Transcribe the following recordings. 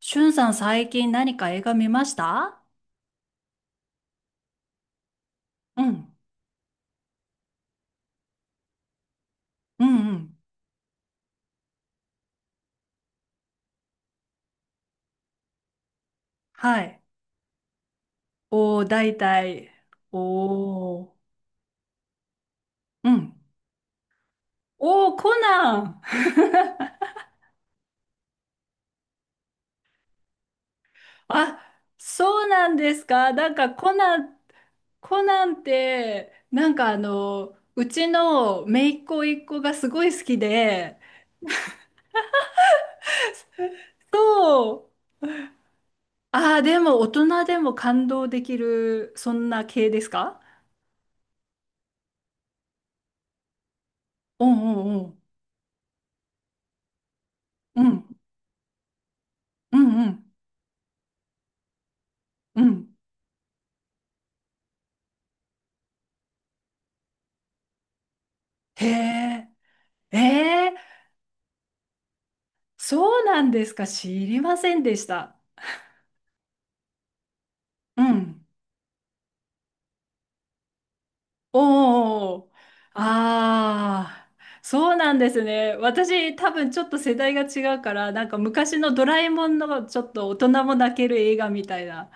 しゅんさん、最近何か映画見ました？うん。うんうん。はい。おー、大体。おー。うん。おー、コナン。あ、そうなんですか。なんかコナンって、なんかうちの姪っ子一個がすごい好きで、そう。ああ、でも大人でも感動できる、そんな系ですか？うんうんうん。うん。うんうん。うん。へえ。ええ、そうなんですか。知りませんでした。うん。おお。ああ、そうなんですね。私、多分ちょっと世代が違うから、なんか昔のドラえもんのちょっと大人も泣ける映画みたいな。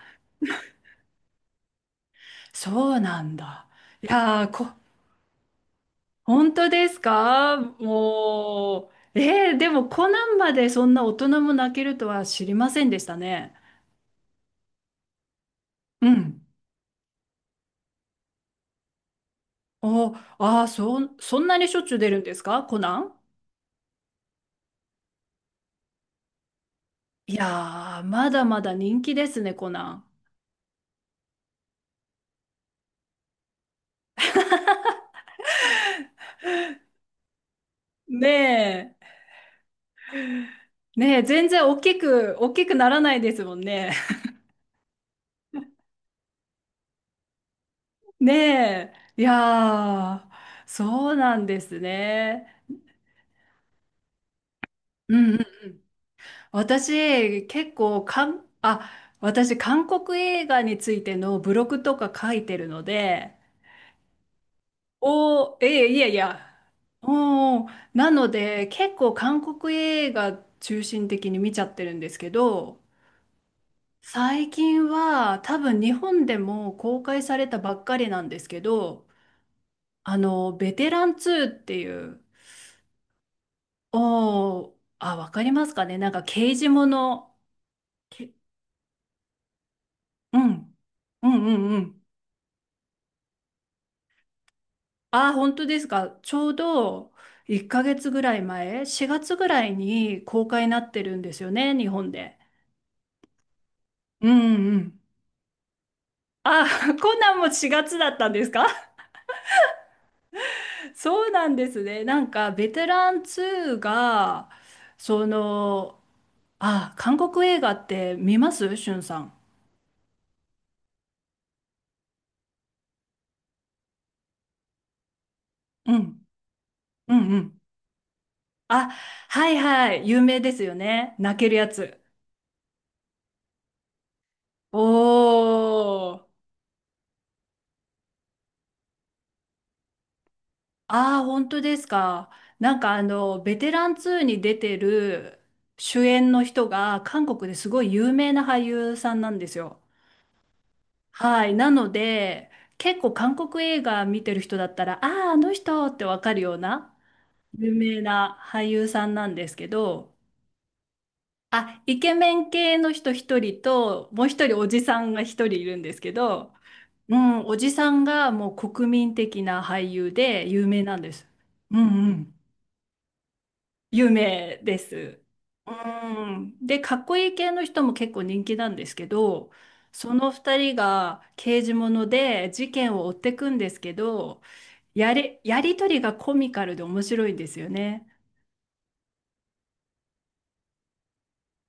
そうなんだ。いやー、本当ですか、もう。でもコナンまでそんな大人も泣けるとは知りませんでしたね。うん。お、ああ、そんなにしょっちゅう出るんですかコナン？いやー、まだまだ人気ですね、コナン。ねえ。ねえ、全然大きくならないですもんね。ねえ。いやー、そうなんですね。うんうん。私、結構、かん、あ、私、韓国映画についてのブログとか書いてるので、おー、ええ、いやいや。おー、なので、結構韓国映画中心的に見ちゃってるんですけど、最近は多分日本でも公開されたばっかりなんですけど、ベテラン2っていう、おー、あ、わかりますかね、なんか刑事もの、けうん、うんうんうん。あ、本当ですか。ちょうど1ヶ月ぐらい前、4月ぐらいに公開になってるんですよね、日本で。うんうん。あ、コナンも4月だったんですか？ そうなんですね。なんかベテラン2が、その、あ、韓国映画って見ますしゅんさん？うん。うんうん。あ、はいはい。有名ですよね。泣けるやつ。おー。ああ、本当ですか。なんかベテラン2に出てる主演の人が韓国ですごい有名な俳優さんなんですよ。はい。なので、結構韓国映画見てる人だったら、ああ、あの人ってわかるような有名な俳優さんなんですけど、あ、イケメン系の人一人と、もう一人おじさんが一人いるんですけど、うん、おじさんがもう国民的な俳優で有名なんです。うんうん。有名です。うん。で、かっこいい系の人も結構人気なんですけど、その二人が刑事もので事件を追っていくんですけど、やりとりがコミカルで面白いんですよね。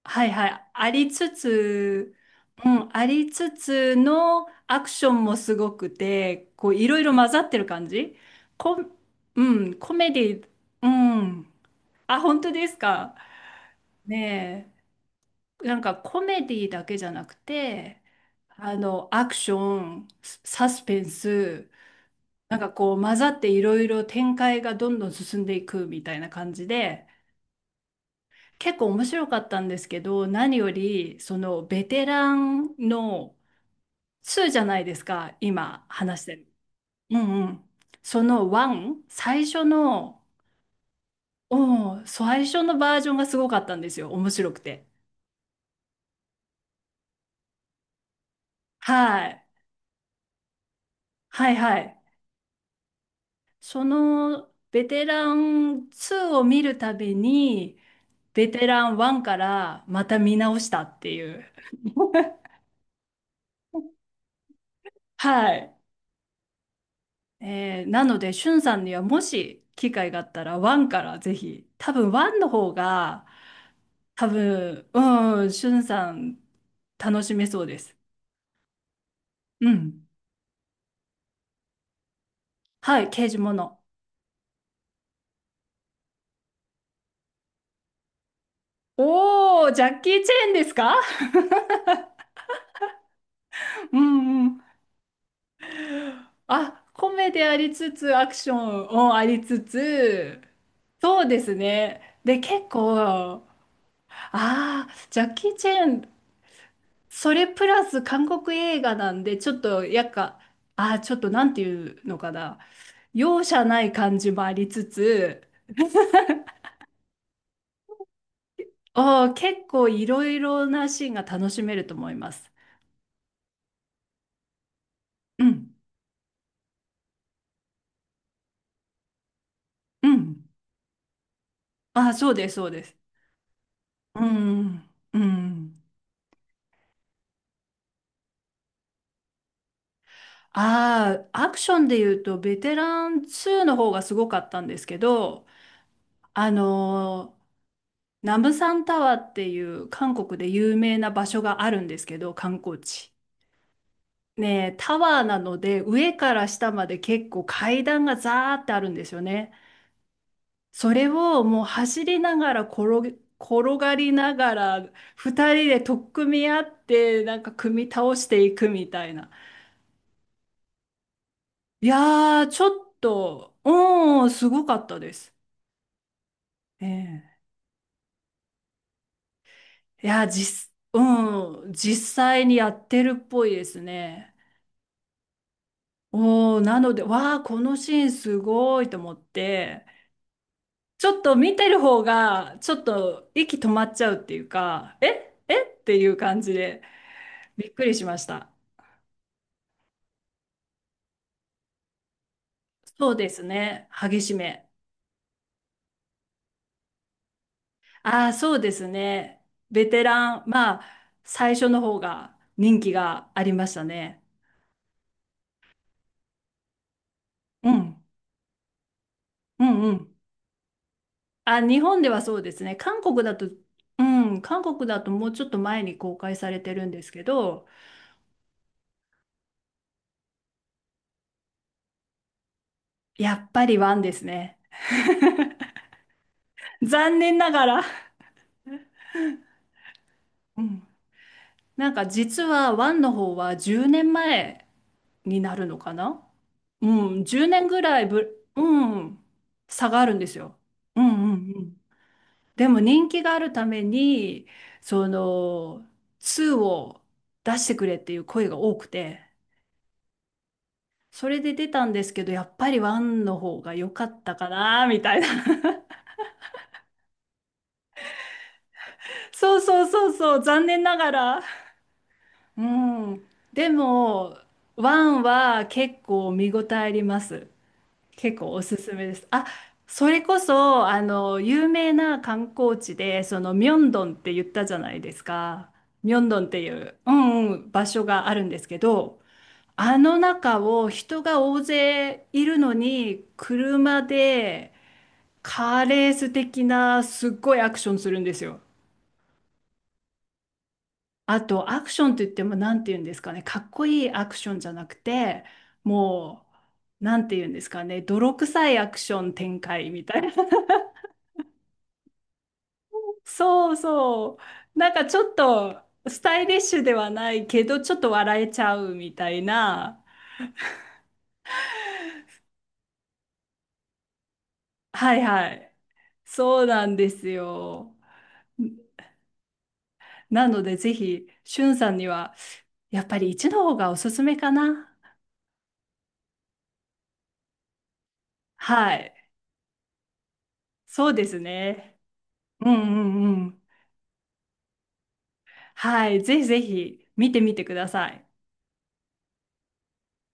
はいはい。ありつつ、うん、ありつつのアクションもすごくて、こういろいろ混ざってる感じ。こ、うん、コメディ、うん。あ、本当ですか。ねえ。なんかコメディだけじゃなくて、アクション、サスペンス、なんかこう混ざっていろいろ展開がどんどん進んでいくみたいな感じで、結構面白かったんですけど、何より、そのベテランの2じゃないですか、今話してる。うんうん。その1、最初の、うん、最初のバージョンがすごかったんですよ、面白くて。はい。はいはい。そのベテラン2を見るたびに、ベテラン1からまた見直したっていう。はい。なので、しゅんさんにはもし機会があったら、ワンからぜひ、多分ワンの方が、多分、うん、しゅんさん楽しめそうです。うん。はい、刑事もの。おー、ジャッキー・チェーンですか？ うんうん。あ、コメディありつつ、アクション、もありつつ、そうですね。で、結構、ああ、ジャッキー・チェーン、それプラス韓国映画なんで、ちょっと、やっか、あー、ちょっとなんていうのかな。容赦ない感じもありつつ、結構いろいろなシーンが楽しめると思います。うん、うん。あー、そうです、そうです。うん、うん。ああ、アクションで言うと、ベテラン2の方がすごかったんですけど、あのーナムサンタワーっていう韓国で有名な場所があるんですけど、観光地。ねえ、タワーなので上から下まで結構階段がザーってあるんですよね。それをもう走りながら転がりながら二人で取っ組み合ってなんか組み倒していくみたいな。いやー、ちょっと、うん、すごかったです。ええ、いや、うん、実際にやってるっぽいですね。おー、なので、わー、このシーンすごいと思って、ちょっと見てる方が、ちょっと息止まっちゃうっていうか、ええっていう感じで、びっくりしました。そうですね。激しめ。ああ、そうですね。ベテラン、まあ、最初の方が人気がありましたね。うん。うんうん。あ、日本ではそうですね。韓国だと、うん、韓国だともうちょっと前に公開されてるんですけど、やっぱりワンですね。残念ながら。うん、なんか実は1の方は10年前になるのかな。うん、10年ぐらいうん、差があるんですよ。うんうんうん。でも人気があるために、その、2を出してくれっていう声が多くて、それで出たんですけど、やっぱり1の方が良かったかな、みたいな。そうそうそうそう、残念ながら。うん。でも、1は結構見応えあります。結構おすすめです。あ、それこそ、有名な観光地で、ミョンドンって言ったじゃないですか。ミョンドンっていう、うんうん、場所があるんですけど、あの中を人が大勢いるのに、車でカーレース的なすっごいアクションするんですよ。あと、アクションといっても、なんて言うんですかね、かっこいいアクションじゃなくて、もう、なんて言うんですかね、泥臭いアクション展開みたいな、そうそう。なんかちょっとスタイリッシュではないけど、ちょっと笑えちゃうみたいな。はいはい。そうなんですよ。なのでぜひ、しゅんさんには、やっぱり一の方がおすすめかな。はい。そうですね。うんうんうん。はい。ぜひぜひ見てみてください。